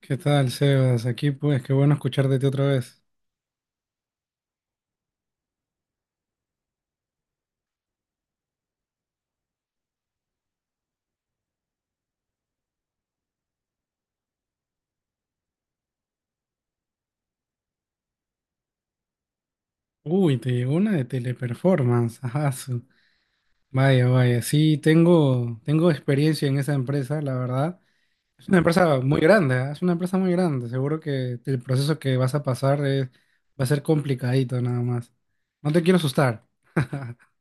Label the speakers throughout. Speaker 1: ¿Qué tal, Sebas? Aquí pues, qué bueno escuchar de ti otra vez. Uy, te llegó una de teleperformance. Ajá, vaya, vaya. Sí, tengo experiencia en esa empresa, la verdad. Es una empresa muy grande, ¿ah? Es una empresa muy grande. Seguro que el proceso que vas a pasar va a ser complicadito nada más. No te quiero asustar.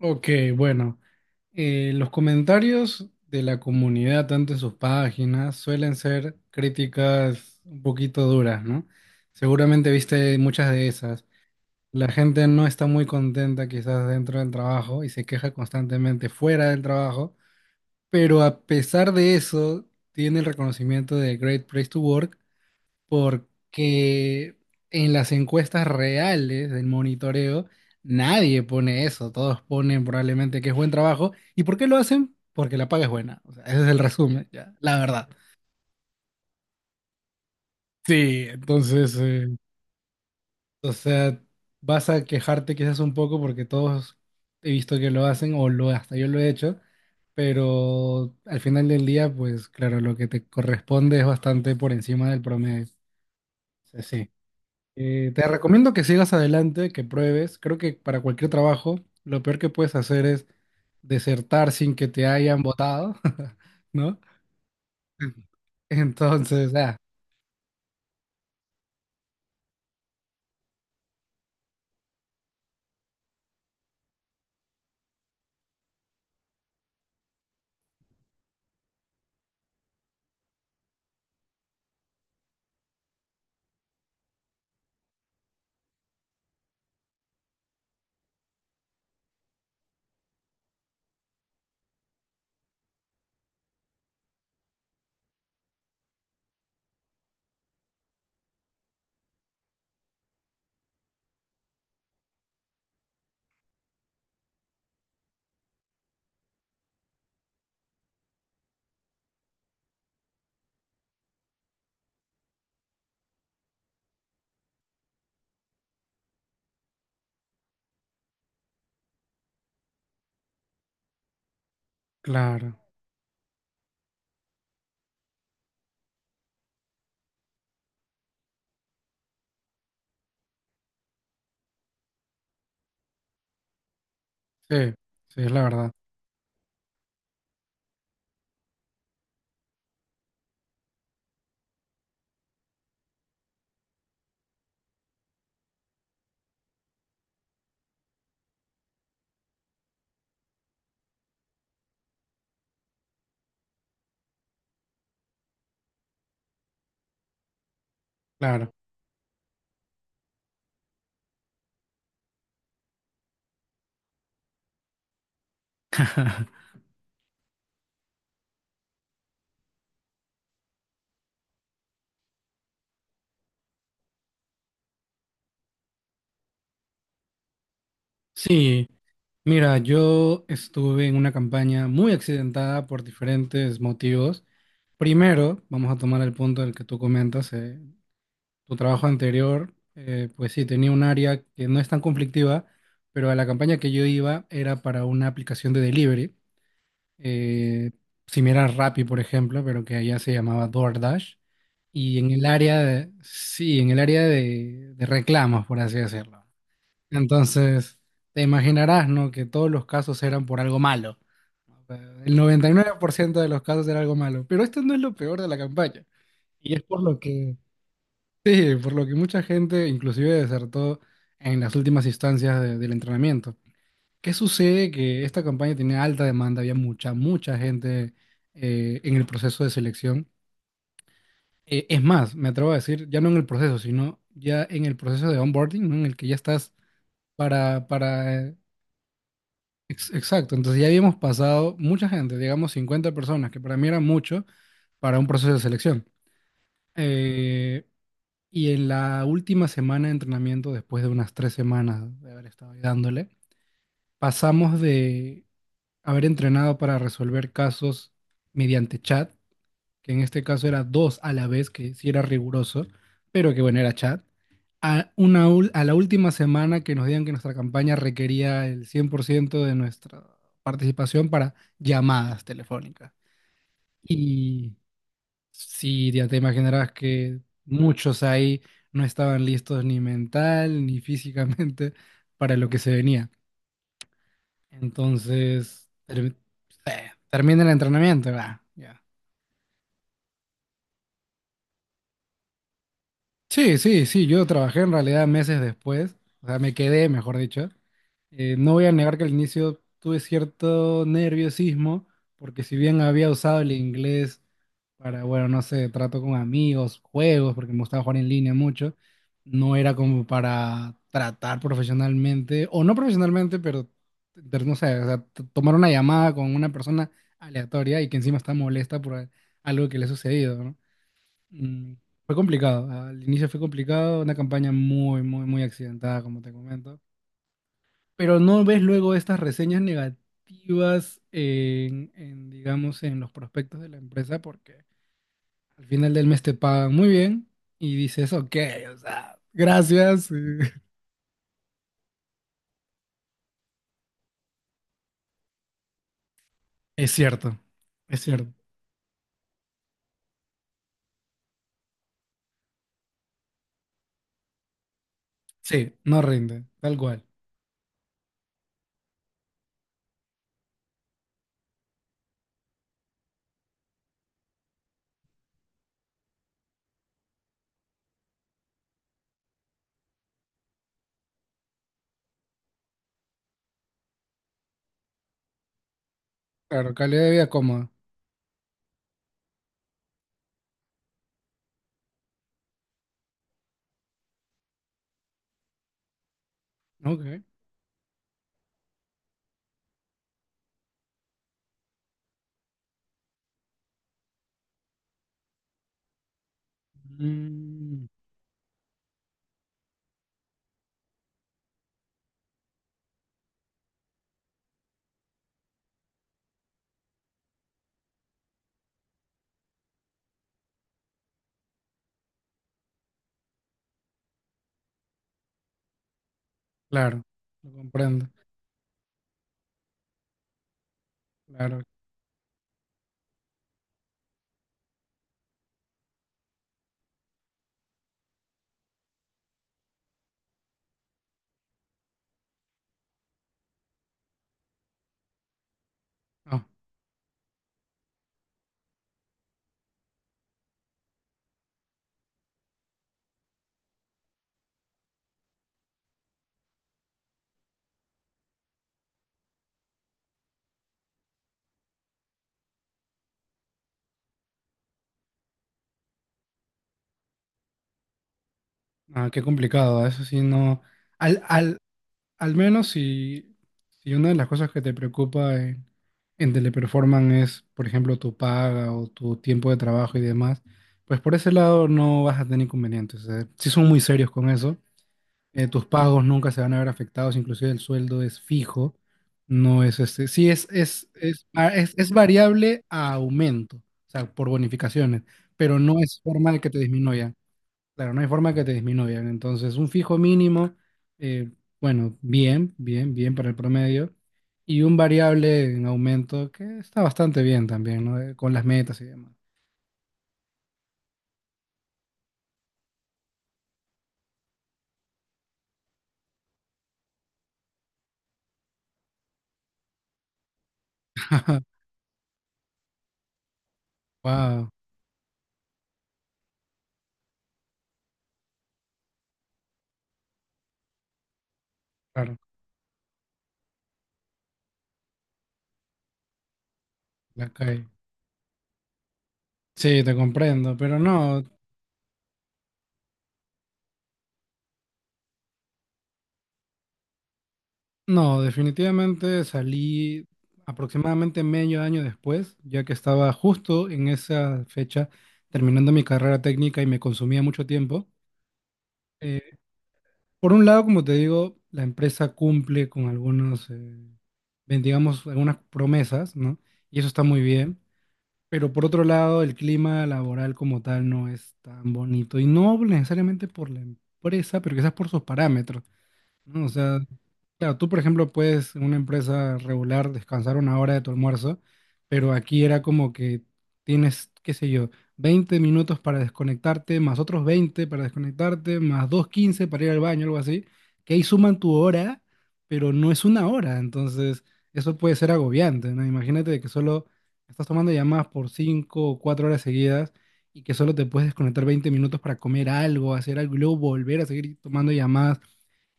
Speaker 1: Ok, bueno, los comentarios de la comunidad, tanto en sus páginas, suelen ser críticas un poquito duras, ¿no? Seguramente viste muchas de esas. La gente no está muy contenta quizás dentro del trabajo y se queja constantemente fuera del trabajo, pero a pesar de eso, tiene el reconocimiento de Great Place to Work porque en las encuestas reales del monitoreo nadie pone eso, todos ponen probablemente que es buen trabajo. ¿Y por qué lo hacen? Porque la paga es buena. O sea, ese es el resumen, ya, la verdad. Sí, entonces, o sea, vas a quejarte quizás un poco porque todos he visto que lo hacen o lo hasta yo lo he hecho, pero al final del día, pues claro, lo que te corresponde es bastante por encima del promedio. O sea, sí. Te recomiendo que sigas adelante, que pruebes. Creo que para cualquier trabajo, lo peor que puedes hacer es desertar sin que te hayan votado, ¿no? Entonces, claro, sí, sí, es la verdad, claro. Sí, mira, yo estuve en una campaña muy accidentada por diferentes motivos. Primero, vamos a tomar el punto del que tú comentas, tu trabajo anterior, pues sí, tenía un área que no es tan conflictiva, pero a la campaña que yo iba era para una aplicación de delivery, eh, similar a Rappi, por ejemplo, pero que allá se llamaba DoorDash. Y en el área de, sí, en el área de reclamos, por así decirlo. Entonces, te imaginarás, ¿no? Que todos los casos eran por algo malo. O sea, el 99% de los casos era algo malo. Pero esto no es lo peor de la campaña. Y es por lo que sí, por lo que mucha gente inclusive desertó en las últimas instancias del entrenamiento. ¿Qué sucede? Que esta campaña tenía alta demanda, había mucha, mucha gente en el proceso de selección. Es más, me atrevo a decir, ya no en el proceso, sino ya en el proceso de onboarding, ¿no? En el que ya estás para, para... eh, exacto, entonces ya habíamos pasado mucha gente, digamos 50 personas, que para mí era mucho para un proceso de selección. Eh, Y en la última semana de entrenamiento, después de unas tres semanas de haber estado ahí dándole, pasamos de haber entrenado para resolver casos mediante chat, que en este caso era dos a la vez, que sí era riguroso, pero que bueno, era chat, a la última semana que nos digan que nuestra campaña requería el 100% de nuestra participación para llamadas telefónicas. Sí, ya te imaginarás que muchos ahí no estaban listos ni mental ni físicamente para lo que se venía. Entonces, termina el entrenamiento, va, ya. Sí, sí, sí, yo trabajé en realidad meses después, o sea, me quedé, mejor dicho. No voy a negar que al inicio tuve cierto nerviosismo, porque si bien había usado el inglés para, bueno, no sé, trato con amigos, juegos, porque me gustaba jugar en línea mucho, no era como para tratar profesionalmente, o no profesionalmente, pero no sé, o sea, tomar una llamada con una persona aleatoria y que encima está molesta por algo que le ha sucedido, ¿no? Mm, fue complicado, al inicio fue complicado, una campaña muy, muy, muy accidentada, como te comento. Pero no ves luego estas reseñas negativas digamos, en los prospectos de la empresa porque al final del mes te pagan muy bien y dices, ok, o sea, gracias. Es cierto, es cierto. Sí, no rinde, tal cual. Claro, calidad de vida cómoda. ¿No? Ok. Mm, claro, lo comprendo. Claro. No, ah, qué complicado, eso sí no. Al, al, al menos si una de las cosas que te preocupa en Teleperformance es, por ejemplo, tu paga o tu tiempo de trabajo y demás, pues por ese lado no vas a tener inconvenientes. Si sí son muy serios con eso. Tus pagos nunca se van a ver afectados, inclusive el sueldo es fijo, no es este. Sí, es variable a aumento, o sea, por bonificaciones, pero no es forma de que te disminuya. Claro, no hay forma que te disminuyan. Entonces, un fijo mínimo, eh, bueno, bien, bien, bien para el promedio. Y un variable en aumento que está bastante bien también, ¿no? Con las metas y demás. Wow, claro, la calle. Sí, te comprendo, pero no, no, definitivamente salí aproximadamente medio año después, ya que estaba justo en esa fecha terminando mi carrera técnica y me consumía mucho tiempo. Por un lado, como te digo, la empresa cumple con algunos, digamos, algunas promesas, ¿no? Y eso está muy bien. Pero por otro lado, el clima laboral como tal no es tan bonito. Y no necesariamente por la empresa, pero quizás por sus parámetros. ¿No? O sea, claro, tú, por ejemplo, puedes en una empresa regular descansar una hora de tu almuerzo, pero aquí era como que tienes, qué sé yo, 20 minutos para desconectarte, más otros 20 para desconectarte, más 2 de 15 para ir al baño, algo así, que ahí suman tu hora, pero no es una hora, entonces eso puede ser agobiante, ¿no? Imagínate que solo estás tomando llamadas por 5 o 4 horas seguidas, y que solo te puedes desconectar 20 minutos para comer algo, hacer algo y luego volver a seguir tomando llamadas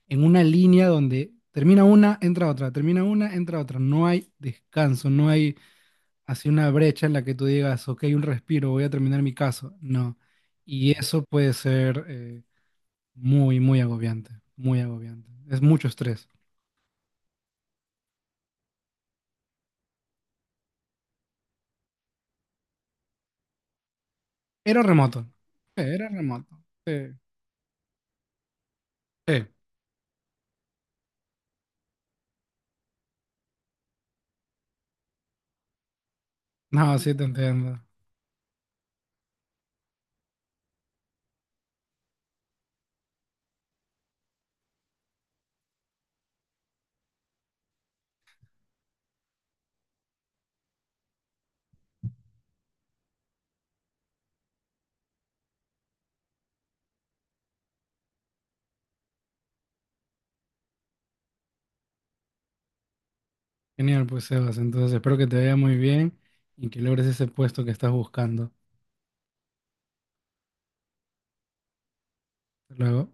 Speaker 1: en una línea donde termina una, entra otra, termina una, entra otra. No hay descanso, no hay así una brecha en la que tú digas, ok, un respiro, voy a terminar mi caso. No. Y eso puede ser muy, muy agobiante, muy agobiante. Es mucho estrés. Era remoto. Sí, era remoto. Sí, sí. No, sí te entiendo. Genial, pues Sebas. Entonces espero que te vaya muy bien y que logres ese puesto que estás buscando. Hasta luego.